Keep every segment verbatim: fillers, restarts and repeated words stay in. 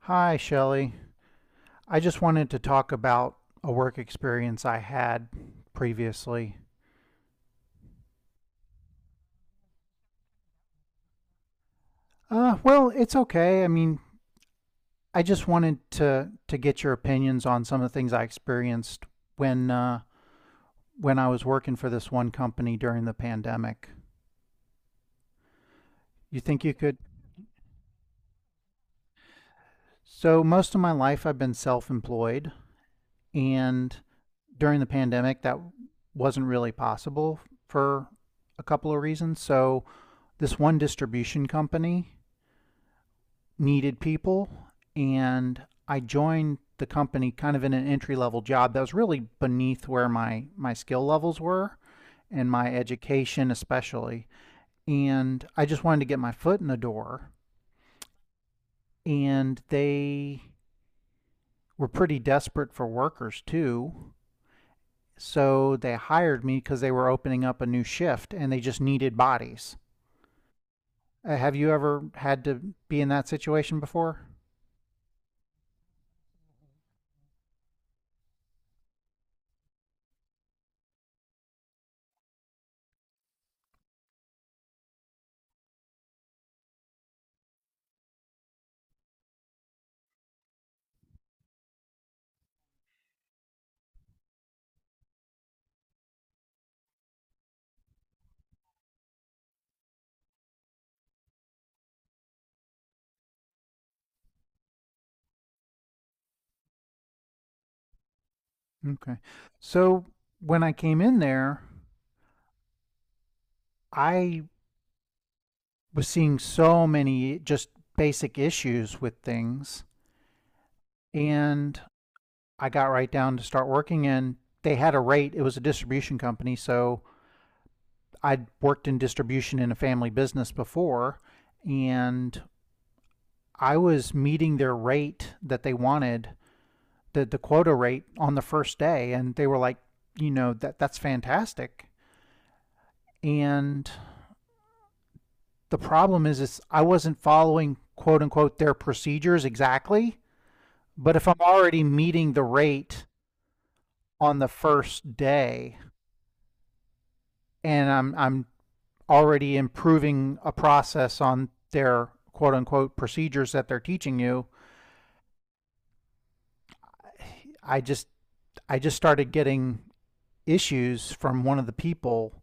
Hi, Shelley. I just wanted to talk about a work experience I had previously. Uh, well, it's okay. I mean, I just wanted to to get your opinions on some of the things I experienced when uh, when I was working for this one company during the pandemic. You think you could? So most of my life I've been self-employed, and during the pandemic that wasn't really possible for a couple of reasons. So this one distribution company needed people, and I joined the company kind of in an entry level job that was really beneath where my my skill levels were, and my education especially, and I just wanted to get my foot in the door, and they were pretty desperate for workers too, so they hired me cuz they were opening up a new shift and they just needed bodies. Uh, have you ever had to be in that situation before? Okay, so when I came in there I was seeing so many just basic issues with things. And I got right down to start working, and they had a rate. It was a distribution company. So I'd worked in distribution in a family business before, and I was meeting their rate that they wanted, the, the quota rate on the first day. And they were like, you know, that, that's fantastic. And the problem is, is I wasn't following quote unquote their procedures exactly. But if I'm already meeting the rate on the first day and I'm I'm already improving a process on their quote unquote procedures that they're teaching you, I just I just started getting issues from one of the people,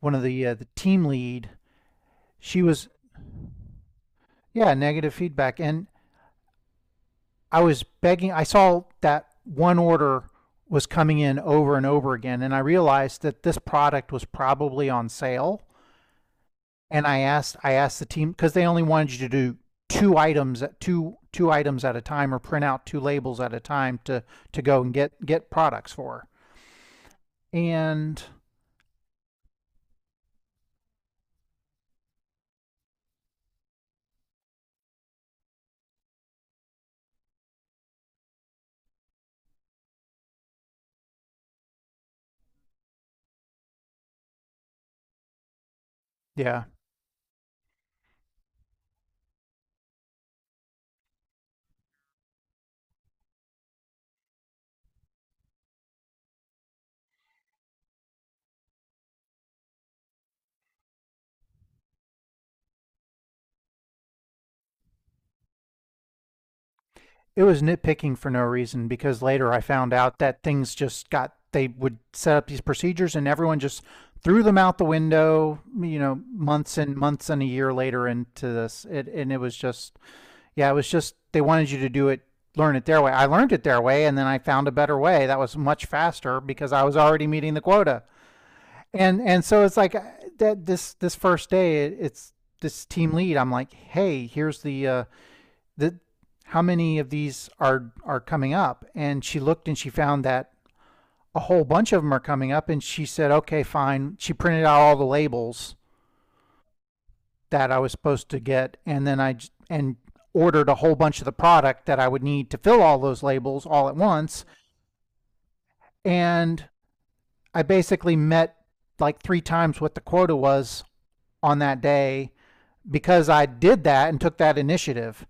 one of the uh, the team lead. She was, yeah, negative feedback, and I was begging. I saw that one order was coming in over and over again and I realized that this product was probably on sale, and I asked I asked the team because they only wanted you to do two items at two two items at a time, or print out two labels at a time to to go and get get products for. And yeah, it was nitpicking for no reason, because later I found out that things just got, they would set up these procedures and everyone just threw them out the window, you know, months and months and a year later into this. It, and it was just, yeah, it was just, they wanted you to do it, learn it their way. I learned it their way, and then I found a better way that was much faster because I was already meeting the quota. And and so it's like uh, that, this this first day, it, it's this team lead. I'm like, hey, here's the uh, the, how many of these are are coming up? And she looked and she found that a whole bunch of them are coming up, and she said, okay, fine. She printed out all the labels that I was supposed to get, and then I and ordered a whole bunch of the product that I would need to fill all those labels all at once, and I basically met like three times what the quota was on that day because I did that and took that initiative.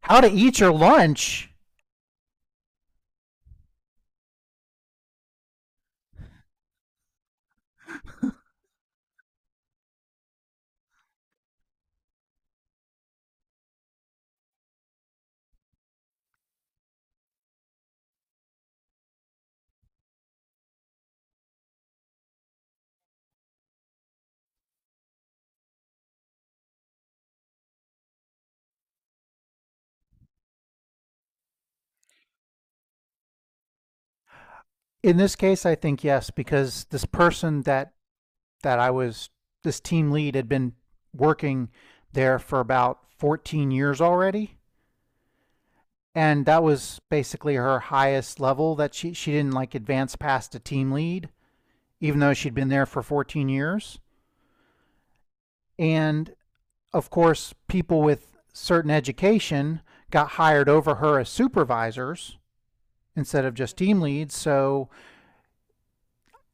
How to eat your lunch? In this case, I think yes, because this person that that I was this team lead had been working there for about fourteen years already, and that was basically her highest level, that she she didn't like advance past a team lead even though she'd been there for fourteen years. And of course people with certain education got hired over her as supervisors instead of just team leads. So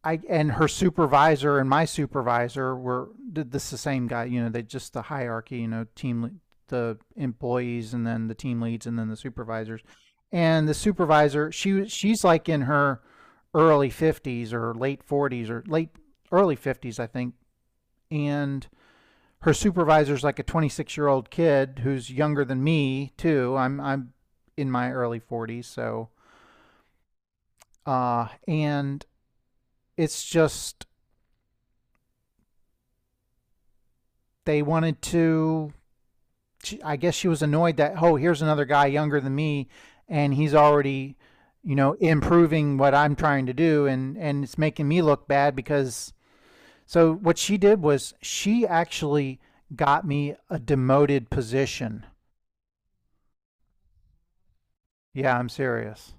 I, and her supervisor and my supervisor were, did, this is the same guy. You know, they just, the hierarchy. You know, team, the employees, and then the team leads, and then the supervisors. And the supervisor, she was- she's like in her early fifties, or late forties, or late early fifties, I think. And her supervisor's like a twenty six year old kid who's younger than me too. I'm I'm in my early forties, so uh, and it's just, they wanted to, she, I guess she was annoyed that, oh, here's another guy younger than me, and he's already, you know, improving what I'm trying to do, and and it's making me look bad. Because so what she did was, she actually got me a demoted position. Yeah, I'm serious.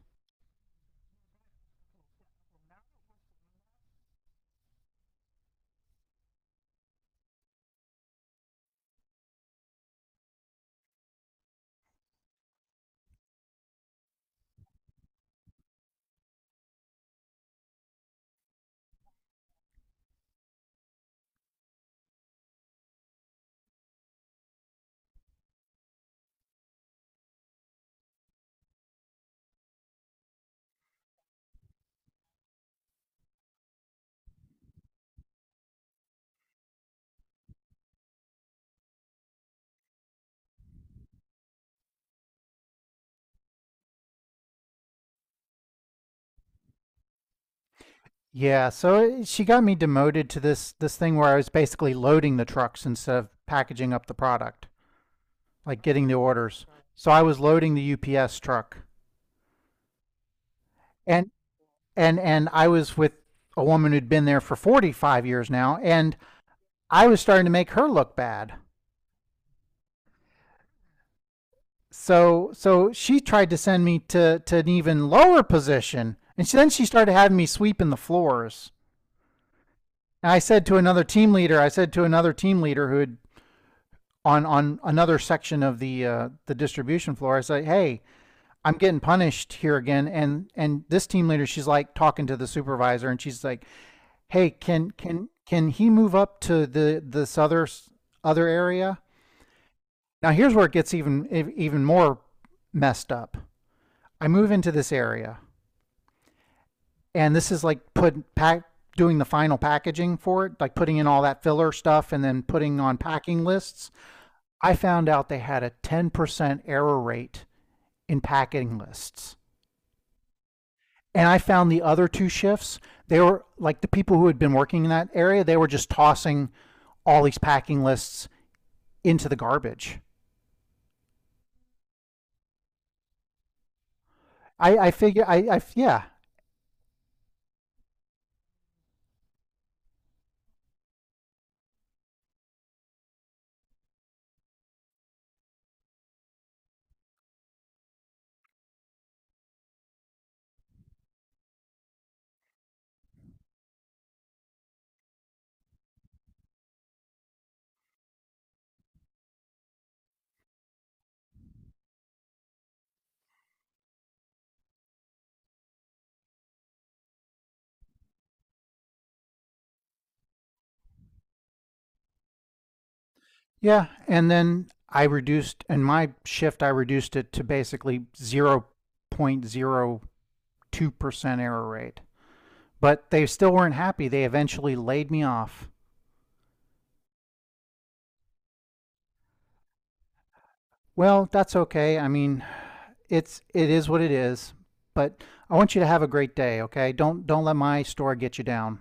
Yeah, so she got me demoted to this this thing where I was basically loading the trucks instead of packaging up the product, like getting the orders. So I was loading the U P S truck. And and and I was with a woman who'd been there for forty-five years now, and I was starting to make her look bad. So so she tried to send me to to an even lower position, and she, then she started having me sweeping the floors. And I said to another team leader, I said to another team leader who had on on another section of the uh, the distribution floor, I said, "Hey, I'm getting punished here again." And and this team leader, she's like talking to the supervisor, and she's like, hey, can can can he move up to the this other other area? Now here's where it gets even even more messed up. I move into this area, and this is like put pack, doing the final packaging for it, like putting in all that filler stuff and then putting on packing lists. I found out they had a ten percent error rate in packing lists. And I found the other two shifts, they were like the people who had been working in that area, they were just tossing all these packing lists into the garbage. I, I figure I, I yeah yeah, and then I reduced, and my shift I reduced it to basically zero point zero two percent error rate. But they still weren't happy. They eventually laid me off. Well, that's okay. I mean, it's it is what it is. But I want you to have a great day, okay? Don't don't let my store get you down.